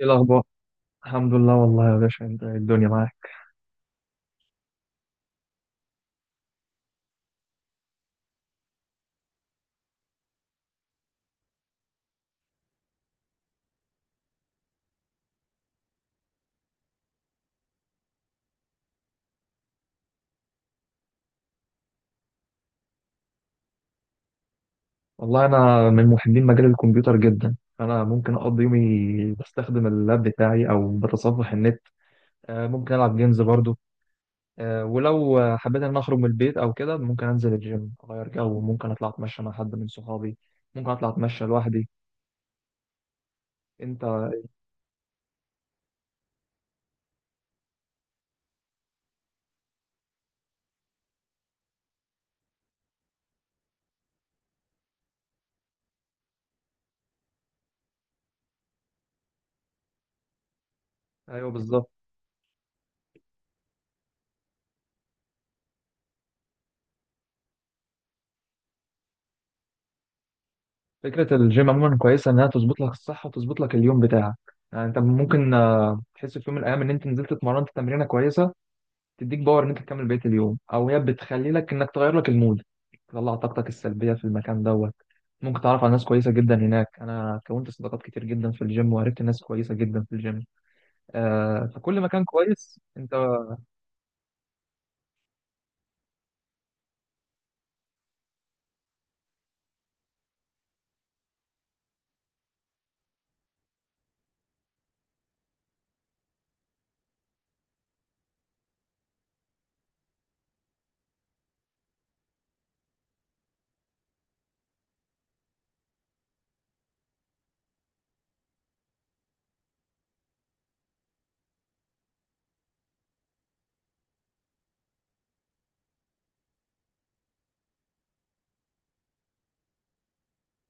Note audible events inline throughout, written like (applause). ايه الاخبار؟ الحمد لله، والله يا باشا. انت إيه الدنيا معاك؟ والله انا من محبين مجال الكمبيوتر جدا، فانا ممكن اقضي يومي بستخدم اللاب بتاعي او بتصفح النت. ممكن العب جيمز برضو. ولو حبيت ان أنا اخرج من البيت او كده، ممكن انزل الجيم اغير جو، ممكن اطلع اتمشى مع حد من صحابي، ممكن اطلع اتمشى لوحدي. انت. ايوه بالظبط. فكره الجيم عموما كويسه، انها تظبط لك الصحه وتظبط لك اليوم بتاعك. يعني انت ممكن تحس في يوم من الايام ان انت نزلت اتمرنت تمرينه كويسه، تديك باور ان انت تكمل بقيه اليوم، او هي بتخلي لك انك تغير لك المود، تطلع طاقتك السلبيه في المكان دوت. ممكن تعرف على ناس كويسه جدا هناك. انا كونت صداقات كتير جدا في الجيم، وعرفت ناس كويسه جدا في الجيم. آه، فكل مكان كويس. انت.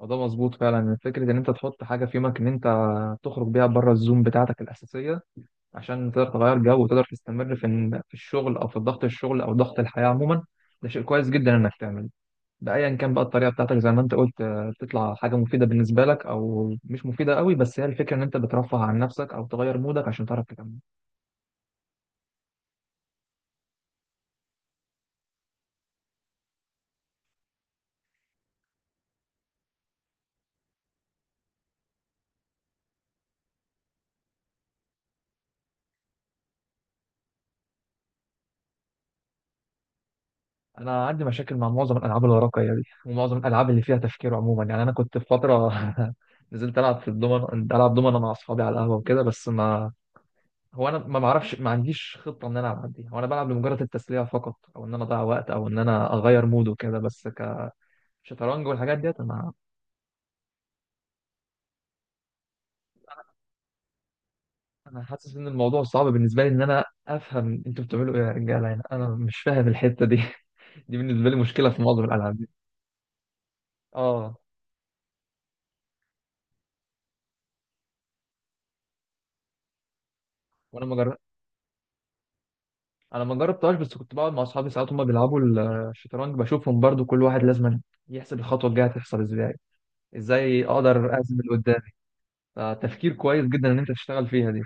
الموضوع مظبوط فعلا، فكره ان انت تحط حاجه في يومك، ان انت تخرج بيها بره الزوم بتاعتك الاساسيه، عشان تقدر تغير جو، وتقدر تستمر في في الشغل، او في ضغط الشغل، او ضغط الحياه عموما. ده شيء كويس جدا انك تعمله، بأيا كان بقى الطريقة بتاعتك. زي ما انت قلت، بتطلع حاجة مفيدة بالنسبة لك او مش مفيدة قوي، بس هي الفكرة ان انت بترفه عن نفسك او تغير مودك عشان تعرف تكمل. انا عندي مشاكل مع معظم الالعاب الورقية دي، ومعظم الالعاب اللي فيها تفكير عموما. يعني انا كنت في فترة (laughs) نزلت العب في الدومن، العب دومنة مع اصحابي على القهوة وكده، بس ما. هو انا ما بعرفش، ما عنديش خطة ان انا العب دي، هو انا بلعب لمجرد التسلية فقط، او ان انا اضيع وقت، او ان انا اغير مود وكده بس. كشطرنج والحاجات ديت، انا. انا حاسس ان الموضوع صعب بالنسبه لي، ان انا افهم انتوا بتعملوا ايه يا رجاله؟ هنا انا مش فاهم الحته دي (laughs) دي بالنسبه لي مشكله في معظم الالعاب دي. اه. وانا ما جر... انا ما جربتهاش، بس كنت بقعد مع اصحابي ساعات هما بيلعبوا الشطرنج، بشوفهم برضو كل واحد لازم يحسب الخطوه الجايه هتحصل ازاي، ازاي اقدر اهزم اللي قدامي. فتفكير كويس جدا ان انت تشتغل فيها دي.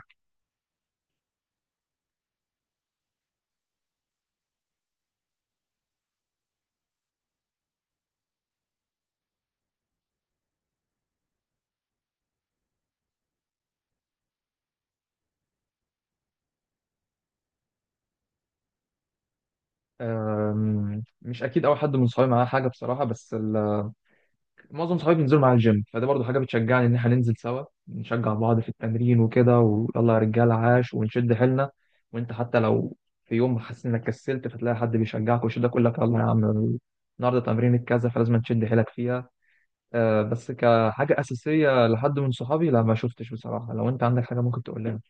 مش اكيد اول حد من صحابي معاه حاجه بصراحه، بس معظم صحابي بينزلوا معايا الجيم، فدي برضو حاجه بتشجعني ان احنا ننزل سوا، نشجع بعض في التمرين وكده، ويلا يا رجاله عاش ونشد حيلنا. وانت حتى لو في يوم حاسس انك كسلت، فتلاقي حد بيشجعك ويشدك، يقول لك يلا يا عم، النهارده تمرين كذا فلازم تشد حيلك فيها. آه، بس كحاجه اساسيه لحد من صحابي، لا ما شفتش بصراحه. لو انت عندك حاجه ممكن تقول لنا.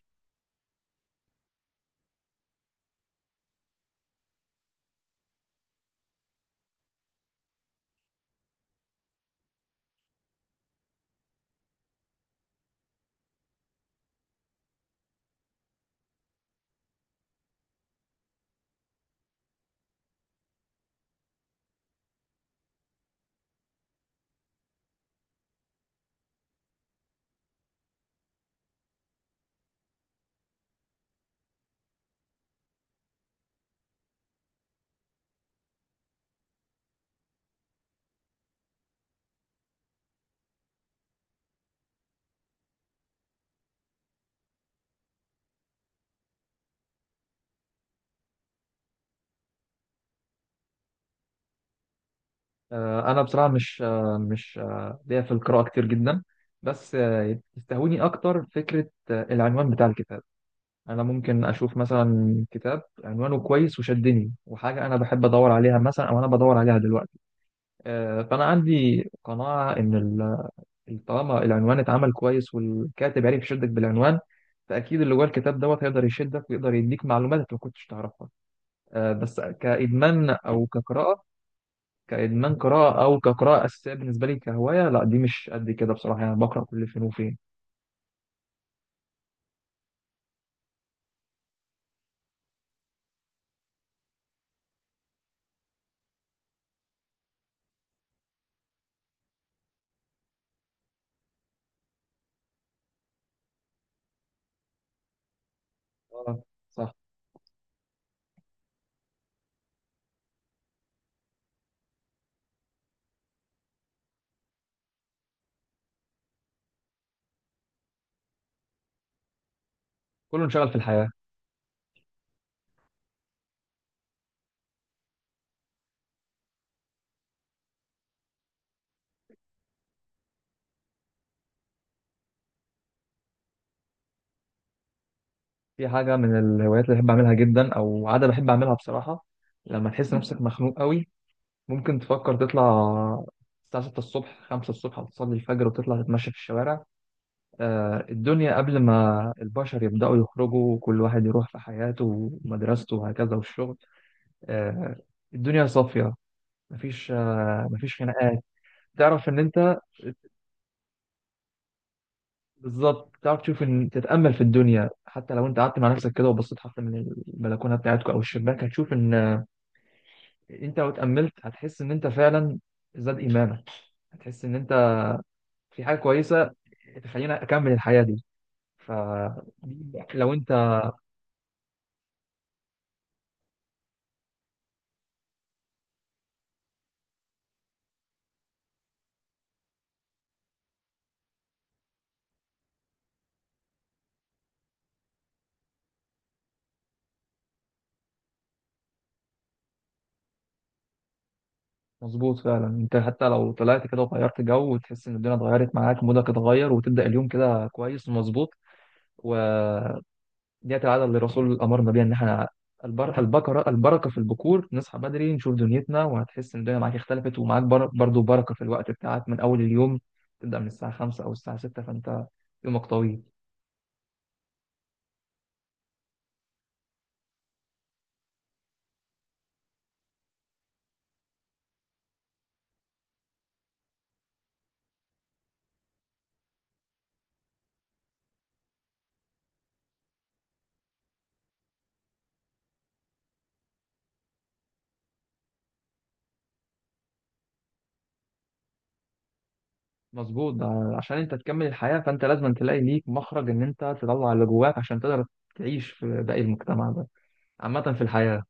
آه، انا بصراحه مش ليا في القراءه كتير جدا، بس تستهويني اكتر فكره العنوان بتاع الكتاب. انا ممكن اشوف مثلا كتاب عنوانه كويس وشدني، وحاجه انا بحب ادور عليها مثلا، او انا بدور عليها دلوقتي. فانا عندي قناعه ان طالما العنوان اتعمل كويس، والكاتب عرف يشدك بالعنوان، فاكيد اللي جوه الكتاب دوت هيقدر يشدك ويقدر يديك معلومات انت ما كنتش تعرفها. بس كادمان او كقراءه، كادمان قراءه او كقراءه اساسيه بالنسبه لي كهوايه، لا دي مش قد كده بصراحه، يعني بقرا كل فين وفين. آه، صح. كله انشغل في الحياه. في حاجة من الهوايات اللي بحب أعملها جدا، أو عادة بحب أعملها بصراحة. لما تحس نفسك مخنوق قوي، ممكن تفكر تطلع الساعة 6 الصبح، 5 الصبح، وتصلي الفجر وتطلع تتمشى في الشوارع. الدنيا قبل ما البشر يبدأوا يخرجوا وكل واحد يروح في حياته ومدرسته وهكذا والشغل. آه، الدنيا صافية، مفيش مفيش خناقات. تعرف إن أنت. بالظبط، تعرف تشوف، ان تتامل في الدنيا حتى لو انت قعدت مع نفسك كده وبصيت حتى من البلكونه بتاعتك او الشباك، هتشوف ان انت لو اتأملت هتحس ان انت فعلا زاد ايمانك، هتحس ان انت في حاجة كويسة تخليني اكمل الحياة دي. ف، لو انت. مظبوط فعلا، انت حتى لو طلعت كده وغيرت جو، وتحس ان الدنيا اتغيرت معاك، مودك اتغير، وتبدأ اليوم كده كويس ومظبوط. وديت العادة اللي الرسول امرنا بيها، ان احنا البكرة، البركة في البكور، نصحى بدري نشوف دنيتنا، وهتحس ان الدنيا معاك اختلفت، ومعاك برضو بركة في الوقت بتاعك من اول اليوم. تبدأ من الساعة 5 او الساعة 6، فانت يومك طويل. مظبوط ده، عشان انت تكمل الحياة فانت لازم تلاقي ليك مخرج ان انت تطلع اللي جواك، عشان تقدر تعيش في باقي المجتمع ده، عامة في الحياة.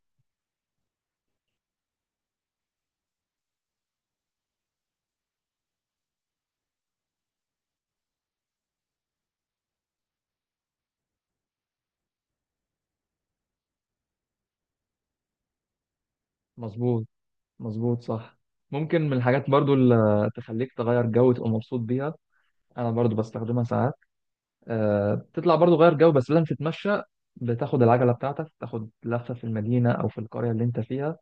مظبوط، مظبوط صح. ممكن من الحاجات برضو اللي تخليك تغير جو تبقى مبسوط بيها، انا برضو بستخدمها ساعات. أه، بتطلع برضو غير جو، بس لازم تتمشى. بتاخد العجلة بتاعتك، تاخد لفة في المدينة او في القرية اللي انت فيها،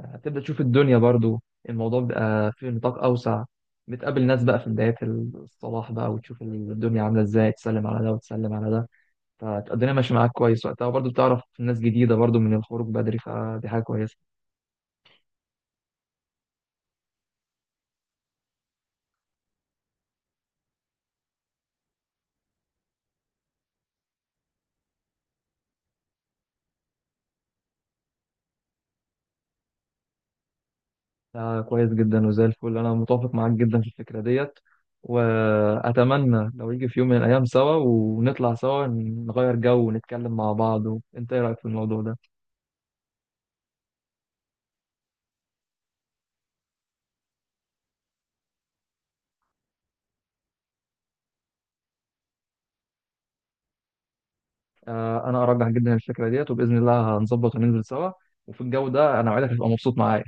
هتبدأ تشوف الدنيا برضو. الموضوع بيبقى في نطاق أوسع، بتقابل ناس بقى في بداية الصلاح بقى، وتشوف الدنيا عاملة ازاي، تسلم على ده وتسلم على ده. فالدنيا ماشية معاك كويس وقتها، وبرضو بتعرف ناس جديدة برضو من الخروج بدري، فدي حاجة كويسة. ده كويس جدا وزي الفل، أنا متوافق معاك جدا في الفكرة ديت، وأتمنى لو يجي في يوم من الأيام سوا، ونطلع سوا نغير جو ونتكلم مع بعض. وأنت إيه رأيك في الموضوع ده؟ انا ارجح جدا الفكره ديت، وباذن الله هنظبط وننزل سوا، وفي الجو ده انا وعدك هتبقى مبسوط معايا.